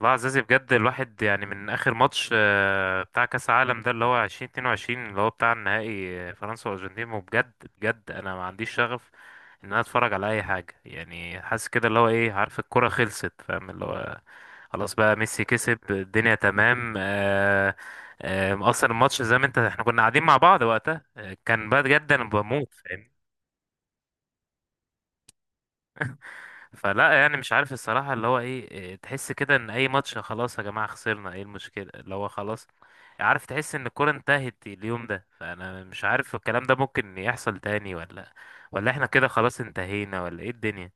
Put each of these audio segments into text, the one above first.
والله يا عزيزي بجد الواحد يعني من اخر ماتش، بتاع كاس العالم ده اللي هو 2022 اللي هو بتاع النهائي، فرنسا والارجنتين، وبجد بجد انا ما عنديش شغف ان انا اتفرج على اي حاجه. يعني حاسس كده اللي هو ايه، عارف الكره خلصت، فاهم اللي هو خلاص بقى، ميسي كسب الدنيا تمام. اصلا الماتش زي ما انت، احنا كنا قاعدين مع بعض وقتها، كان بجد انا بموت. فلا، يعني مش عارف الصراحة اللي هو ايه، تحس كده ان اي ماتش خلاص يا جماعة، خسرنا ايه المشكلة اللي هو خلاص. عارف تحس ان الكورة انتهت اليوم ده، فانا مش عارف الكلام ده ممكن يحصل تاني ولا احنا كده خلاص انتهينا، ولا ايه الدنيا؟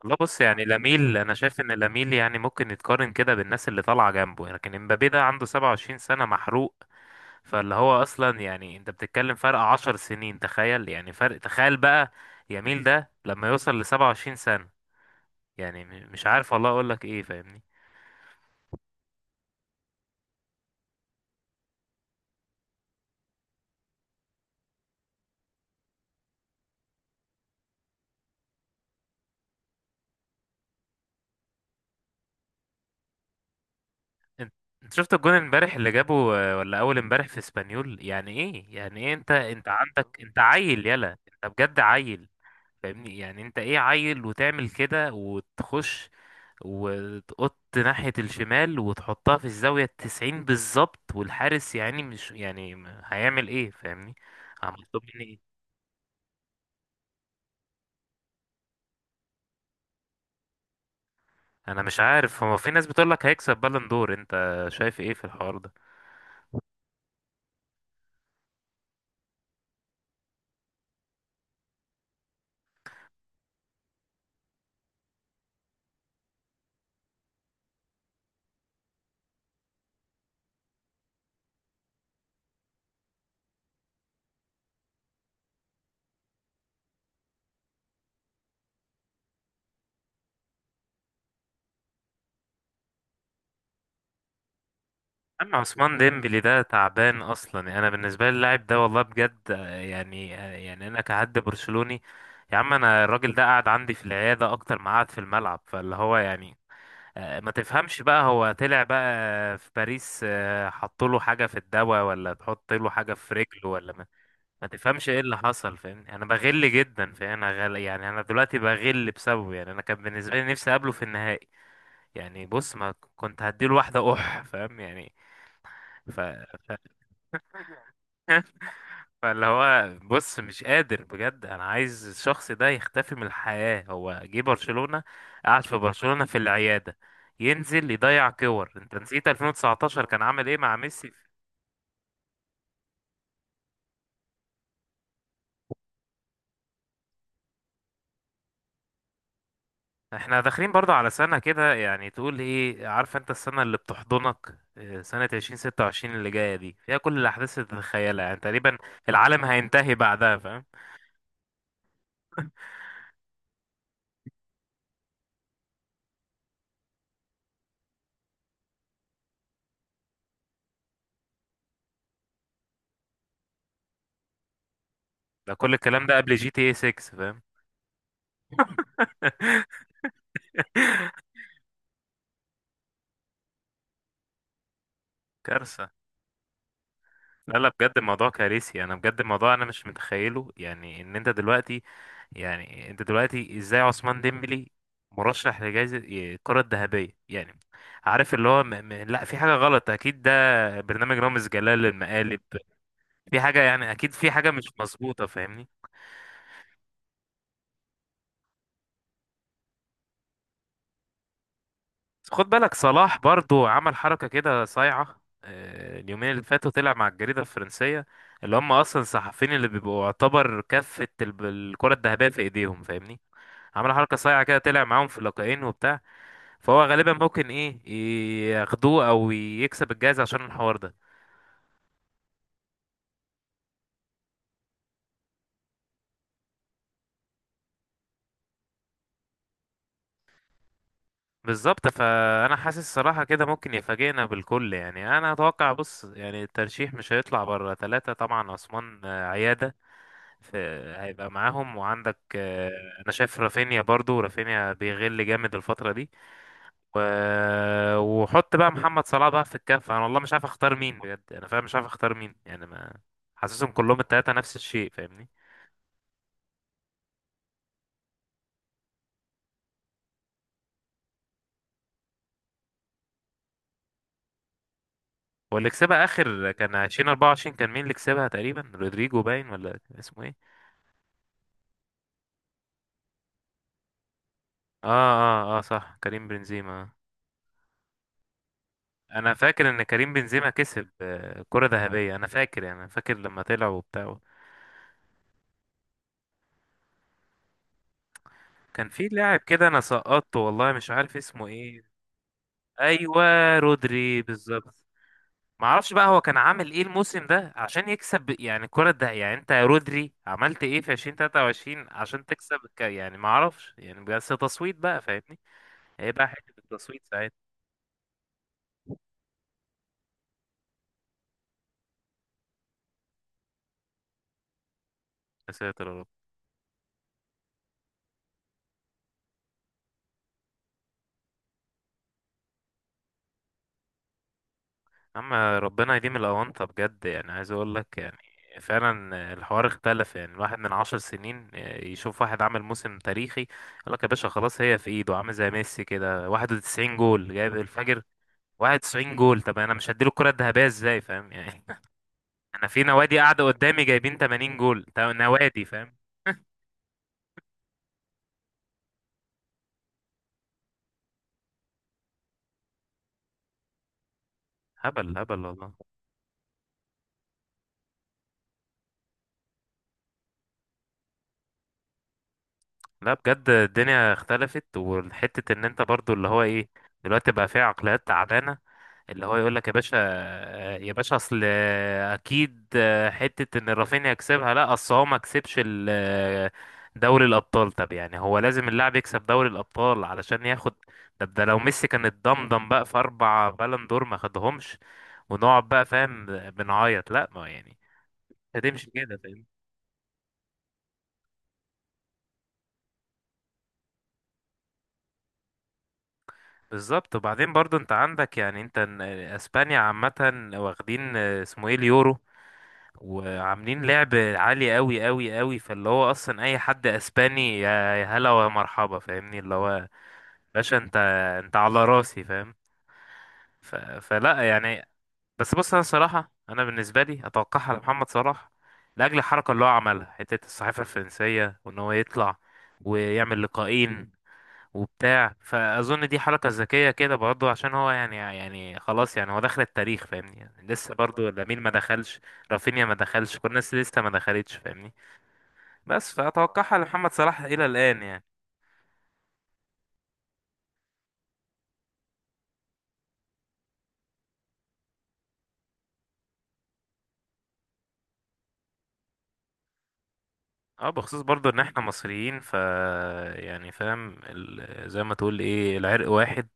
والله بص، يعني لاميل، انا شايف ان لاميل يعني ممكن يتقارن كده بالناس اللي طالعة جنبه، لكن امبابي ده عنده 27 سنة محروق. فاللي هو اصلا يعني انت بتتكلم فرق 10 سنين، تخيل يعني، فرق تخيل بقى يميل ده لما يوصل ل 27 سنة. يعني مش عارف والله اقول لك ايه، فاهمني؟ انت انت شفت الجون امبارح اللي جابه، ولا اول امبارح في اسبانيول، يعني ايه، يعني ايه، انت عندك، انت عيل، يلا انت بجد عيل. فاهمني يعني، انت ايه؟ عيل وتعمل كده، وتخش وتقط ناحية الشمال وتحطها في الزاوية التسعين بالظبط، والحارس يعني مش يعني هيعمل ايه، فاهمني؟ مطلوب مني ايه؟ انا مش عارف، هو في ناس بتقول لك هيكسب بالون دور، انت شايف ايه في الحوار ده؟ اما عثمان ديمبلي ده تعبان اصلا. يعني انا بالنسبه لي اللاعب ده والله بجد، انا كحد برشلوني يا عم، انا الراجل ده قعد عندي في العياده اكتر ما قعد في الملعب، فاللي هو يعني. ما تفهمش بقى، هو طلع بقى في باريس، حط له حاجه في الدواء ولا تحط له حاجه في رجله ولا ما تفهمش ايه اللي حصل، فاهمني. انا بغل جدا، فاهم؟ انا غل، يعني انا دلوقتي بغل بسببه. يعني انا كان بالنسبه لي نفسي اقابله في النهائي. يعني بص، ما كنت هديله واحده اح، فاهم يعني. ف... فاللي هو بص، مش قادر بجد، انا عايز الشخص ده يختفي من الحياة. هو جه برشلونة، قعد في برشلونة في العيادة، ينزل يضيع كور. انت نسيت 2019 كان عامل ايه مع ميسي؟ احنا داخلين برضه على سنة كده، يعني تقول ايه، عارف انت السنة اللي بتحضنك، سنة 2026 اللي جاية دي فيها كل الأحداث اللي تتخيلها يعني تقريبا. العالم هينتهي بعدها، فاهم. ده كل الكلام ده قبل جي تي اي 6، فاهم. كارثة. لا لا، بجد الموضوع كارثي، انا بجد الموضوع انا مش متخيله، يعني ان انت دلوقتي، يعني انت دلوقتي ازاي عثمان ديمبلي مرشح لجائزة الكرة الذهبية؟ يعني عارف اللي هو لا، في حاجة غلط اكيد، ده برنامج رامز جلال للمقالب. في حاجة، يعني اكيد في حاجة مش مظبوطة، فاهمني. بس خد بالك، صلاح برضو عمل حركة كده صايعة، اليومين اللي فاتوا طلع مع الجريدة الفرنسية، اللي هم اصلا الصحفيين اللي بيبقوا يعتبر كفة الكرة الذهبية في ايديهم، فاهمني. عمل حركة صايعة كده، طلع معاهم في اللقاءين وبتاع، فهو غالبا ممكن ايه، ياخدوه او يكسب الجائزة عشان الحوار ده. بالظبط، فانا حاسس الصراحة كده ممكن يفاجئنا بالكل. يعني انا اتوقع، بص يعني الترشيح مش هيطلع بره ثلاثة، طبعا عثمان، عيادة، في هيبقى معاهم، وعندك، انا شايف رافينيا، برضو رافينيا بيغل جامد الفترة دي، و... وحط بقى محمد صلاح بقى في الكفة، انا والله مش عارف اختار مين، بجد انا فاهم مش عارف اختار مين، يعني ما، حاسسهم كلهم التلاتة نفس الشيء، فاهمني. واللي كسبها اخر كان 2024، كان مين اللي كسبها تقريبا، رودريجو باين ولا كان اسمه ايه؟ اه اه اه، صح، كريم بنزيما. انا فاكر ان كريم بنزيما كسب، كرة ذهبية، انا فاكر يعني، أنا فاكر لما طلع وبتاع. كان في لاعب كده انا سقطته، والله مش عارف اسمه ايه. ايوه، رودري، بالظبط. ما اعرفش بقى هو كان عامل ايه الموسم ده عشان يكسب يعني الكرة ده. يعني انت يا رودري عملت ايه في 2023 عشان تكسب يعني، ما اعرفش يعني، بس تصويت بقى، فاهمني. هي بقى حتة التصويت ساعتها. يا ساتر يا رب. اما ربنا يديم الاونطة بجد، يعني عايز اقول لك يعني فعلا الحوار اختلف. يعني الواحد من عشر سنين يشوف واحد عامل موسم تاريخي، يقول لك يا باشا خلاص، هي في ايده، عامل زي ميسي كده 91 جول، جايب الفجر. 91 جول طب انا مش هديله الكرة الذهبية ازاي، فاهم يعني. انا في نوادي قاعده قدامي جايبين 80 جول نوادي، فاهم. هبل هبل والله. لا بجد الدنيا اختلفت، والحتة ان انت برضو اللي هو ايه، دلوقتي بقى فيها عقليات تعبانة، اللي هو يقول لك يا باشا، يا باشا اصل اكيد حتة ان رافينيا يكسبها، لا اصل هو ما كسبش دوري الابطال. طب يعني هو لازم اللاعب يكسب دوري الابطال علشان ياخد؟ طب ده لو ميسي كان اتضمضم بقى في اربع بالون دور ما خدهمش، ونقعد بقى فاهم بنعيط، لا ما يعني هتمشي كده، فاهم. بالظبط، وبعدين برضو انت عندك يعني انت اسبانيا عامة واخدين، اسمه ايه، اليورو، وعاملين لعب عالي قوي قوي قوي، فاللي هو اصلا اي حد اسباني، يا يا هلا ومرحبا، فاهمني اللي هو، باشا انت، انت على راسي، فاهم. فلا يعني. بس بص، انا صراحة انا بالنسبة لي اتوقعها لمحمد صلاح، لاجل الحركة اللي هو عملها، حتة الصحيفة الفرنسية، وان هو يطلع ويعمل لقاءين وبتاع، فاظن دي حركه ذكيه كده برضه، عشان هو يعني يعني خلاص، يعني هو دخل التاريخ فاهمني، يعني لسه برضه لامين ما دخلش، رافينيا ما دخلش، كل الناس لسه ما دخلتش، فاهمني. بس فاتوقعها لمحمد صلاح الى الان يعني. اه، بخصوص برضه ان احنا مصريين ف، يعني فاهم زي ما تقول ايه، العرق واحد.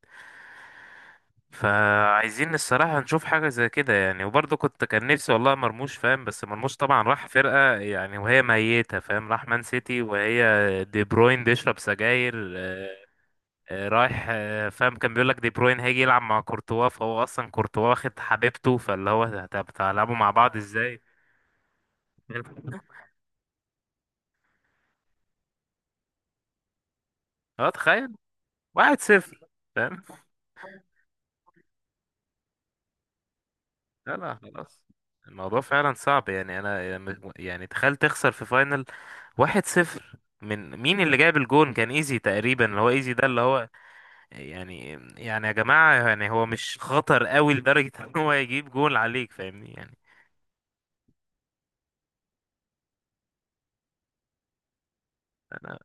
فعايزين الصراحة نشوف حاجة زي كده، يعني وبرضه كنت، كان نفسي والله مرموش، فاهم، بس مرموش طبعا راح فرقة يعني وهي ميتة، فاهم، راح مان سيتي وهي دي بروين بيشرب سجاير. رايح، فاهم، كان بيقول لك دي بروين هيجي يلعب مع كورتوا، فهو أصلا كورتوا واخد حبيبته، فاللي هو طب هتلعبوا مع بعض ازاي؟ اه تخيل، واحد صفر، فاهم. لا لا خلاص، الموضوع فعلا صعب، يعني انا، يعني تخيل تخسر في فاينل واحد صفر، من مين؟ اللي جايب الجون كان ايزي تقريبا، اللي هو ايزي ده اللي هو يعني، يعني يا جماعة يعني، هو مش خطر قوي لدرجة ان هو يجيب جون عليك، فاهمني يعني. أنا،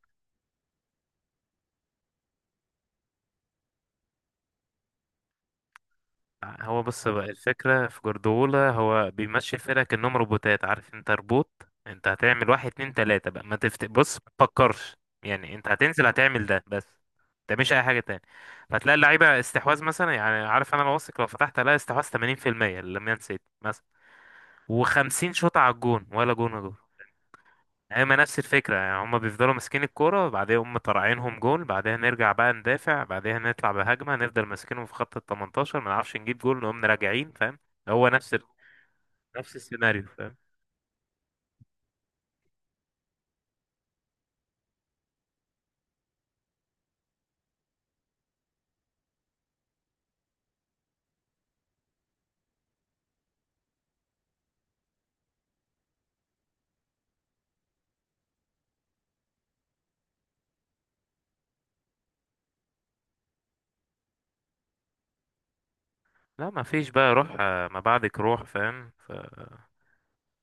هو بص بقى، الفكرة في جوارديولا هو بيمشي الفرقة كأنهم روبوتات، عارف انت روبوت، انت هتعمل واحد اتنين تلاتة بقى، ما تفت بص، ما تفكرش. يعني انت هتنزل هتعمل ده بس، انت مش اي حاجة تاني. فتلاقي اللعيبة استحواذ مثلا، يعني عارف انا واثق لو فتحت الاقي استحواذ 80%، اللي ما نسيت، و50 شوطة على الجون، ولا جون جون. هما نفس الفكرة، يعني هما بيفضلوا ماسكين الكورة، بعدين هم طالعينهم جول، بعدها نرجع بقى ندافع، بعدها نطلع بهجمة، نفضل ماسكينهم في خط ال 18، ما نعرفش نجيب جول، نقوم راجعين، فاهم. هو نفس نفس السيناريو، فاهم. لا ما فيش بقى روح، ما بعدك روح، فاهم.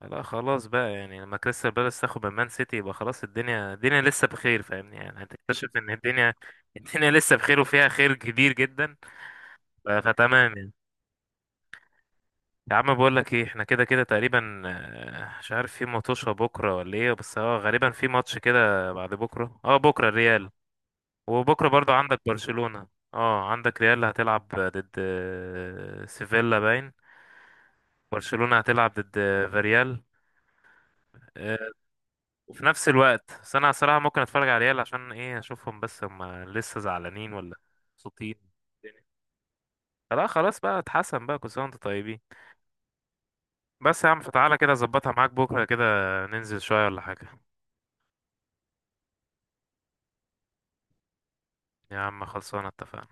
لا خلاص بقى، يعني لما كريستال بالاس تاخد من مان سيتي، يبقى خلاص الدنيا لسه بخير، فاهمني يعني، هتكتشف ان الدنيا لسه بخير، وفيها خير كبير جدا. فتمام يعني. يا عم بقول لك ايه، احنا كده كده تقريبا، مش عارف في ماتشة بكره ولا ايه، بس اه غالبا في ماتش كده بعد بكره، اه بكره الريال، وبكره برضو عندك برشلونة. اه عندك ريال هتلعب ضد، سيفيلا باين، برشلونة هتلعب ضد، فاريال، آه، وفي نفس الوقت. بس انا صراحة ممكن اتفرج على ريال عشان ايه، اشوفهم بس هم لسه زعلانين ولا مبسوطين. لا خلاص بقى، اتحسن بقى، كل سنة وانتم طيبين. بس يا عم، فتعالى كده اظبطها معاك بكره كده، ننزل شوية ولا حاجة. يا عم خلصانة، اتفقنا.